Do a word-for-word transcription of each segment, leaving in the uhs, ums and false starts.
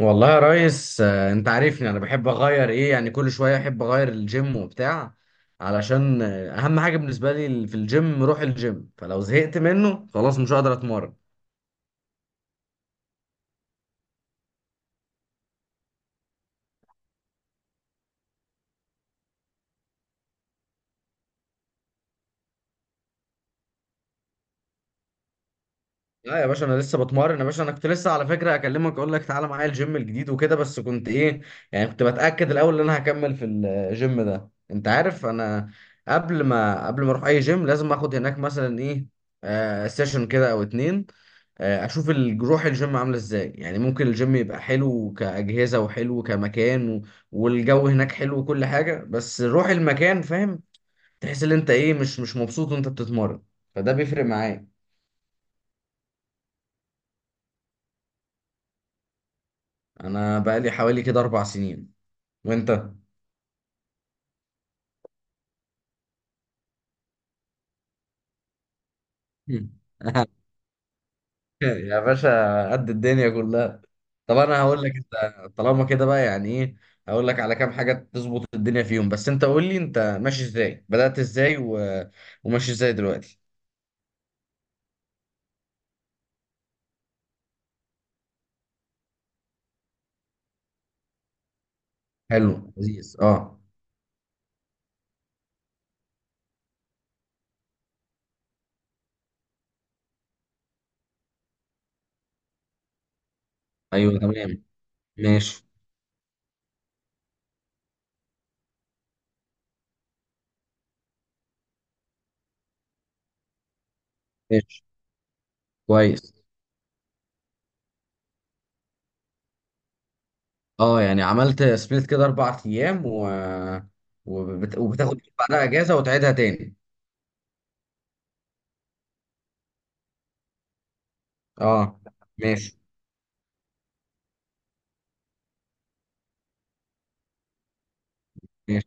والله يا ريس، آه، انت عارفني انا بحب اغير ايه، يعني كل شويه احب اغير الجيم وبتاع، علشان آه، اهم حاجه بالنسبه لي في الجيم روح الجيم. فلو زهقت منه خلاص مش هقدر اتمرن. لا يا باشا، انا لسه بتمرن يا باشا. انا كنت لسه على فكره اكلمك اقول لك تعالى معايا الجيم الجديد وكده، بس كنت ايه يعني، كنت بتاكد الاول ان انا هكمل في الجيم ده. انت عارف انا قبل ما قبل ما اروح اي جيم لازم اخد هناك مثلا ايه، آه سيشن كده او اتنين، آه اشوف ال- روح الجيم عامله ازاي. يعني ممكن الجيم يبقى حلو كاجهزه وحلو كمكان، و... والجو هناك حلو وكل حاجه، بس روح المكان فاهم. تحس ان انت ايه، مش مش مبسوط وانت بتتمرن، فده بيفرق معايا. انا بقالي حوالي كده اربع سنين. وانت؟ مم. يا باشا، قد الدنيا كلها. طب انا هقول لك، انت طالما كده بقى يعني ايه، هقول لك على كام حاجه تظبط الدنيا فيهم، بس انت قول لي، انت ماشي ازاي، بدأت ازاي و... وماشي ازاي دلوقتي. حلو، لذيذ، اه. ايوه تمام. ماشي. ماشي. كويس. اه يعني عملت سبليت كده اربع ايام، و... وبت... وبتاخد بعدها اجازه وتعيدها تاني. اه. ماشي. ماشي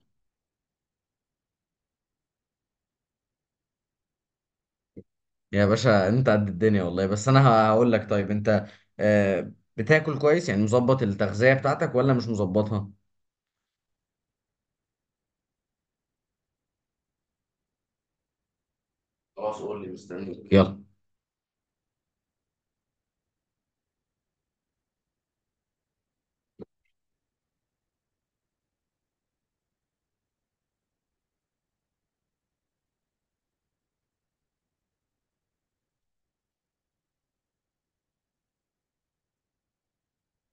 يا باشا، انت قد الدنيا والله. بس انا ه- هقول لك، طيب انت آه، بتاكل كويس؟ يعني مظبط التغذية بتاعتك ولا مش مظبطها؟ خلاص قول لي، مستنيك، يلا.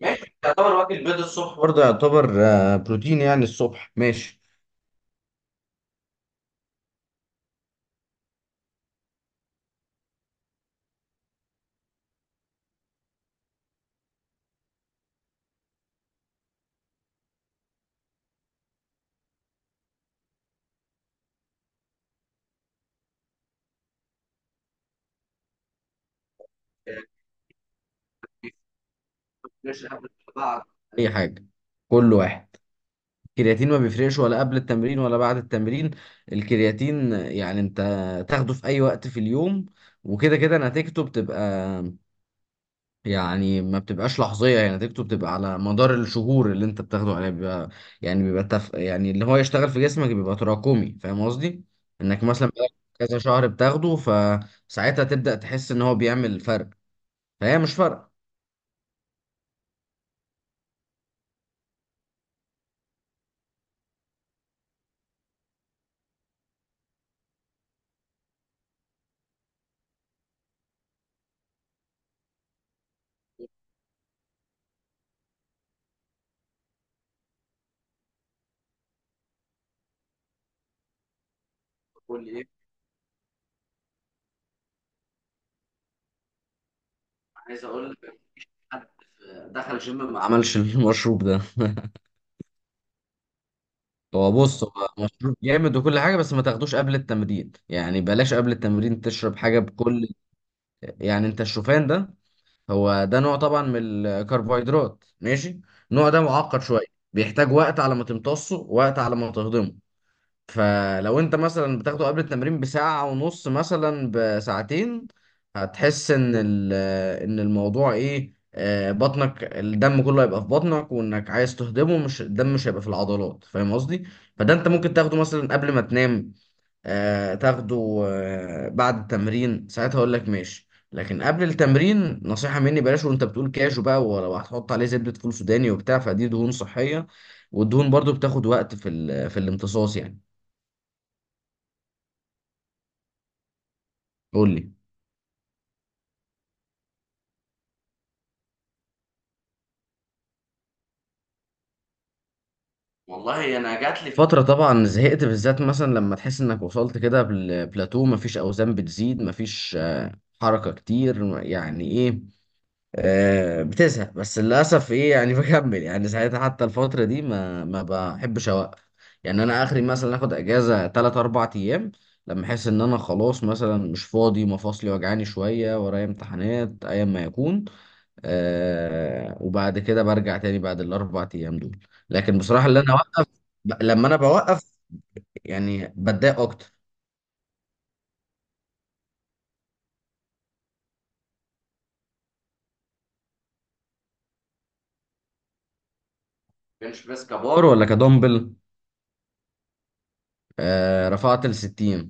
ماشي، يعتبر. واكل بيض الصبح برضه يعتبر آه، بروتين، يعني الصبح ماشي. آه، مش قبل ولا بعد، اي حاجة، كل واحد. الكرياتين ما بيفرقش ولا قبل التمرين ولا بعد التمرين. الكرياتين يعني انت تاخده في اي وقت في اليوم، وكده كده نتيجته بتبقى، يعني ما بتبقاش لحظية. يعني نتيجته بتبقى على مدار الشهور اللي انت بتاخده عليه، بيبقى يعني بيبقى تف... يعني اللي هو يشتغل في جسمك بيبقى تراكمي. فاهم قصدي؟ انك مثلا بقالك كذا شهر بتاخده، فساعتها تبدأ تحس ان هو بيعمل فرق. فهي مش فرق. قول لي ايه. عايز اقول لك، مفيش حد دخل جيم ما عملش المشروب ده. هو بص، هو مشروب جامد وكل حاجة، بس ما تاخدوش قبل التمرين. يعني بلاش قبل التمرين تشرب حاجة بكل. يعني انت الشوفان ده، هو ده نوع طبعا من الكربوهيدرات، ماشي. النوع ده معقد شويه، بيحتاج وقت على ما تمتصه، وقت على ما تهضمه. فلو انت مثلا بتاخده قبل التمرين بساعه ونص، مثلا بساعتين، هتحس ان ال- ان الموضوع ايه، آه، بطنك الدم كله هيبقى في بطنك، وانك عايز تهضمه، مش الدم مش هيبقى في العضلات. فاهم قصدي؟ فده انت ممكن تاخده مثلا قبل ما تنام، آه، تاخده آه، بعد التمرين، ساعتها اقول لك ماشي، لكن قبل التمرين نصيحة مني بلاش. وانت بتقول كاجو بقى، ولو هتحط عليه زبدة فول سوداني وبتاع، فدي دهون صحية، والدهون برضو بتاخد وقت في ال- في الامتصاص يعني. قول لي. والله انا جات لي فترة طبعا زهقت، بالذات مثلا لما تحس انك وصلت كده بالبلاتو، مفيش اوزان بتزيد، مفيش آه، حركة كتير، يعني ايه، آه، بتزهق. بس للاسف ايه يعني، بكمل يعني ساعتها. حتى الفتره دي ما ما بحبش اوقف. يعني انا اخري مثلا اخد اجازه تلاتة اربعة ايام، لما احس ان انا خلاص مثلا مش فاضي، مفاصلي وجعاني شويه، ورايا امتحانات، ايا ما يكون. آه وبعد كده برجع تاني بعد الاربع ايام دول. لكن بصراحه اللي انا اوقف، ب- لما انا بوقف يعني بتضايق اكتر. كانش بس كبار ولا كدمبل؟ آه رفعت ال ستين. يا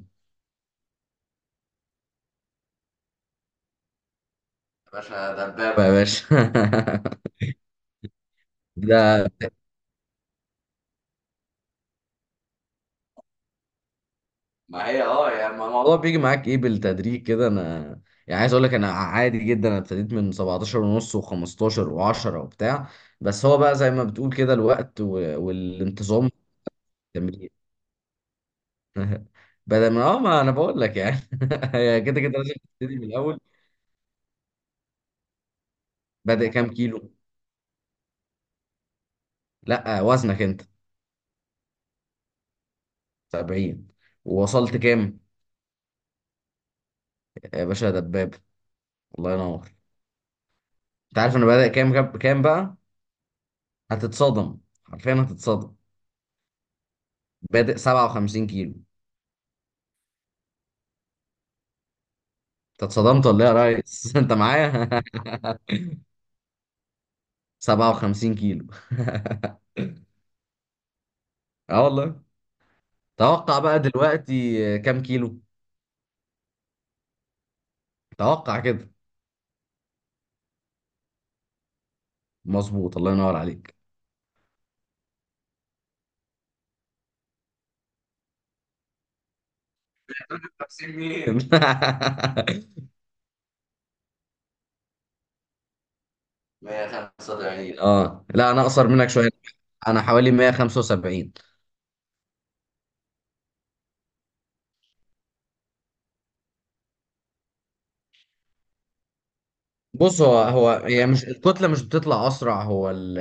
باشا دبابة يا باشا. ده، ما هي اه يعني الموضوع بيجي معاك ايه بالتدريج كده. انا يعني عايز اقول لك، انا عادي جدا، انا ابتديت من سبعتاشر ونص، و15 و10 وبتاع. بس هو بقى زي ما بتقول كده الوقت و- والانتظام في التمرين. بدل ما اه، ما انا بقول لك يعني، هي كده كده لازم تبتدي من الاول. بادئ كام كيلو؟ لا، وزنك انت سبعين؟ ووصلت كام؟ يا باشا يا دباب، الله ينور. انت عارف انا بادئ كام كام كام بقى؟ هتتصدم، حرفيا هتتصدم. بادئ سبعة وخمسين كيلو. انت اتصدمت ولا ايه يا ريس؟ انت معايا؟ سبعة وخمسين كيلو، اه والله. توقع بقى دلوقتي آه، كام كيلو. توقع كده. مظبوط، الله ينور عليك. خمسين مين. ميه وخمسة وتمانين، اه لا انا اقصر منك شويه، انا حوالي مئة وخمسة وسبعين. بص هو، هو هي مش الكتله مش بتطلع اسرع. هو ال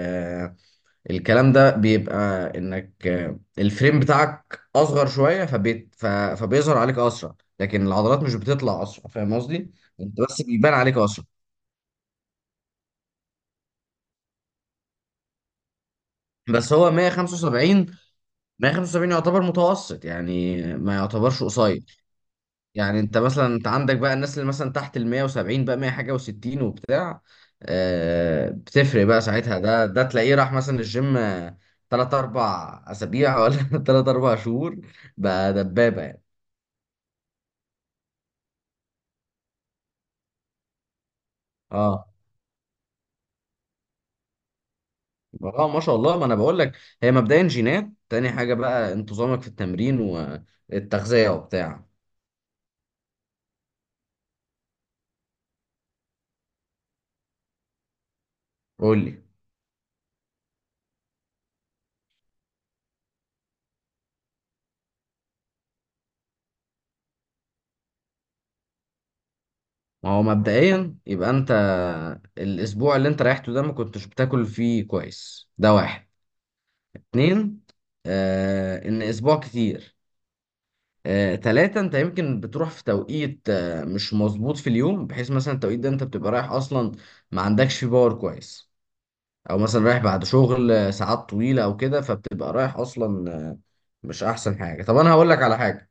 الكلام ده بيبقى انك آه، الفريم بتاعك اصغر شويه، فبيت ف- فبيظهر عليك اسرع، لكن العضلات مش بتطلع اسرع. فاهم قصدي؟ انت بس بيبان عليك اسرع. بس هو مئة وخمسة وسبعين. ميه وخمسة وسبعين يعتبر متوسط، يعني ما يعتبرش قصير. يعني انت مثلا، انت عندك بقى الناس اللي مثلا تحت ال ميه وسبعين، بقى ميه حاجه و60 وبتاع، آه، بتفرق بقى ساعتها. ده ده تلاقيه راح مثلا الجيم، آه، تلات اربع اسابيع ولا تلات اربع شهور، بقى دبابه يعني. اه اه ما شاء الله، ما انا بقول لك، هي مبدئيا جينات، تاني حاجه بقى انتظامك في التمرين والتغذيه وبتاع. قول لي. ما هو مبدئيا يبقى انت، الاسبوع اللي انت ريحته ده ما كنتش بتاكل فيه كويس، ده واحد. اتنين، آه ان اسبوع كتير. آه تلاته، انت يمكن بتروح في توقيت آه مش مظبوط في اليوم، بحيث مثلا التوقيت ده انت بتبقى رايح اصلا ما عندكش فيه باور كويس، او مثلا رايح بعد شغل آه، ساعات طويله او كده، فبتبقى رايح اصلا مش احسن حاجه. طب انا هقول لك على حاجه،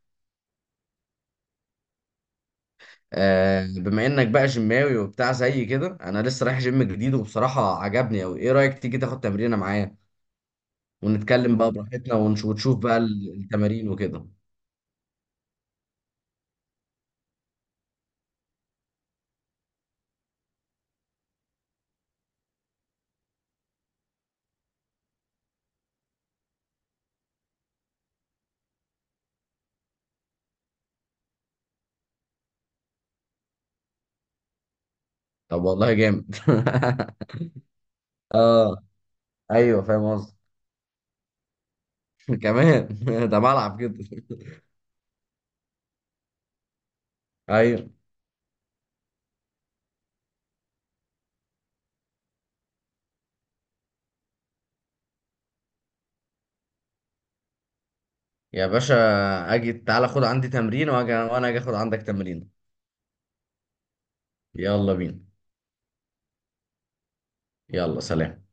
آه بما انك بقى جيماوي وبتاع زي كده، انا لسه رايح جيم جديد وبصراحه عجبني اوي. ايه رايك تيجي تاخد تمرينه معايا، ونتكلم بقى براحتنا ونش- ونشوف بقى ال- التمارين وكده. طب والله جامد. اه ايوه فاهم قصدي. كمان، ده بلعب كده. ايوه يا باشا، اجي تعالى خد عندي تمرين واجي، وانا اجي اخد عندك تمرين. يلا بينا. يلا سلام.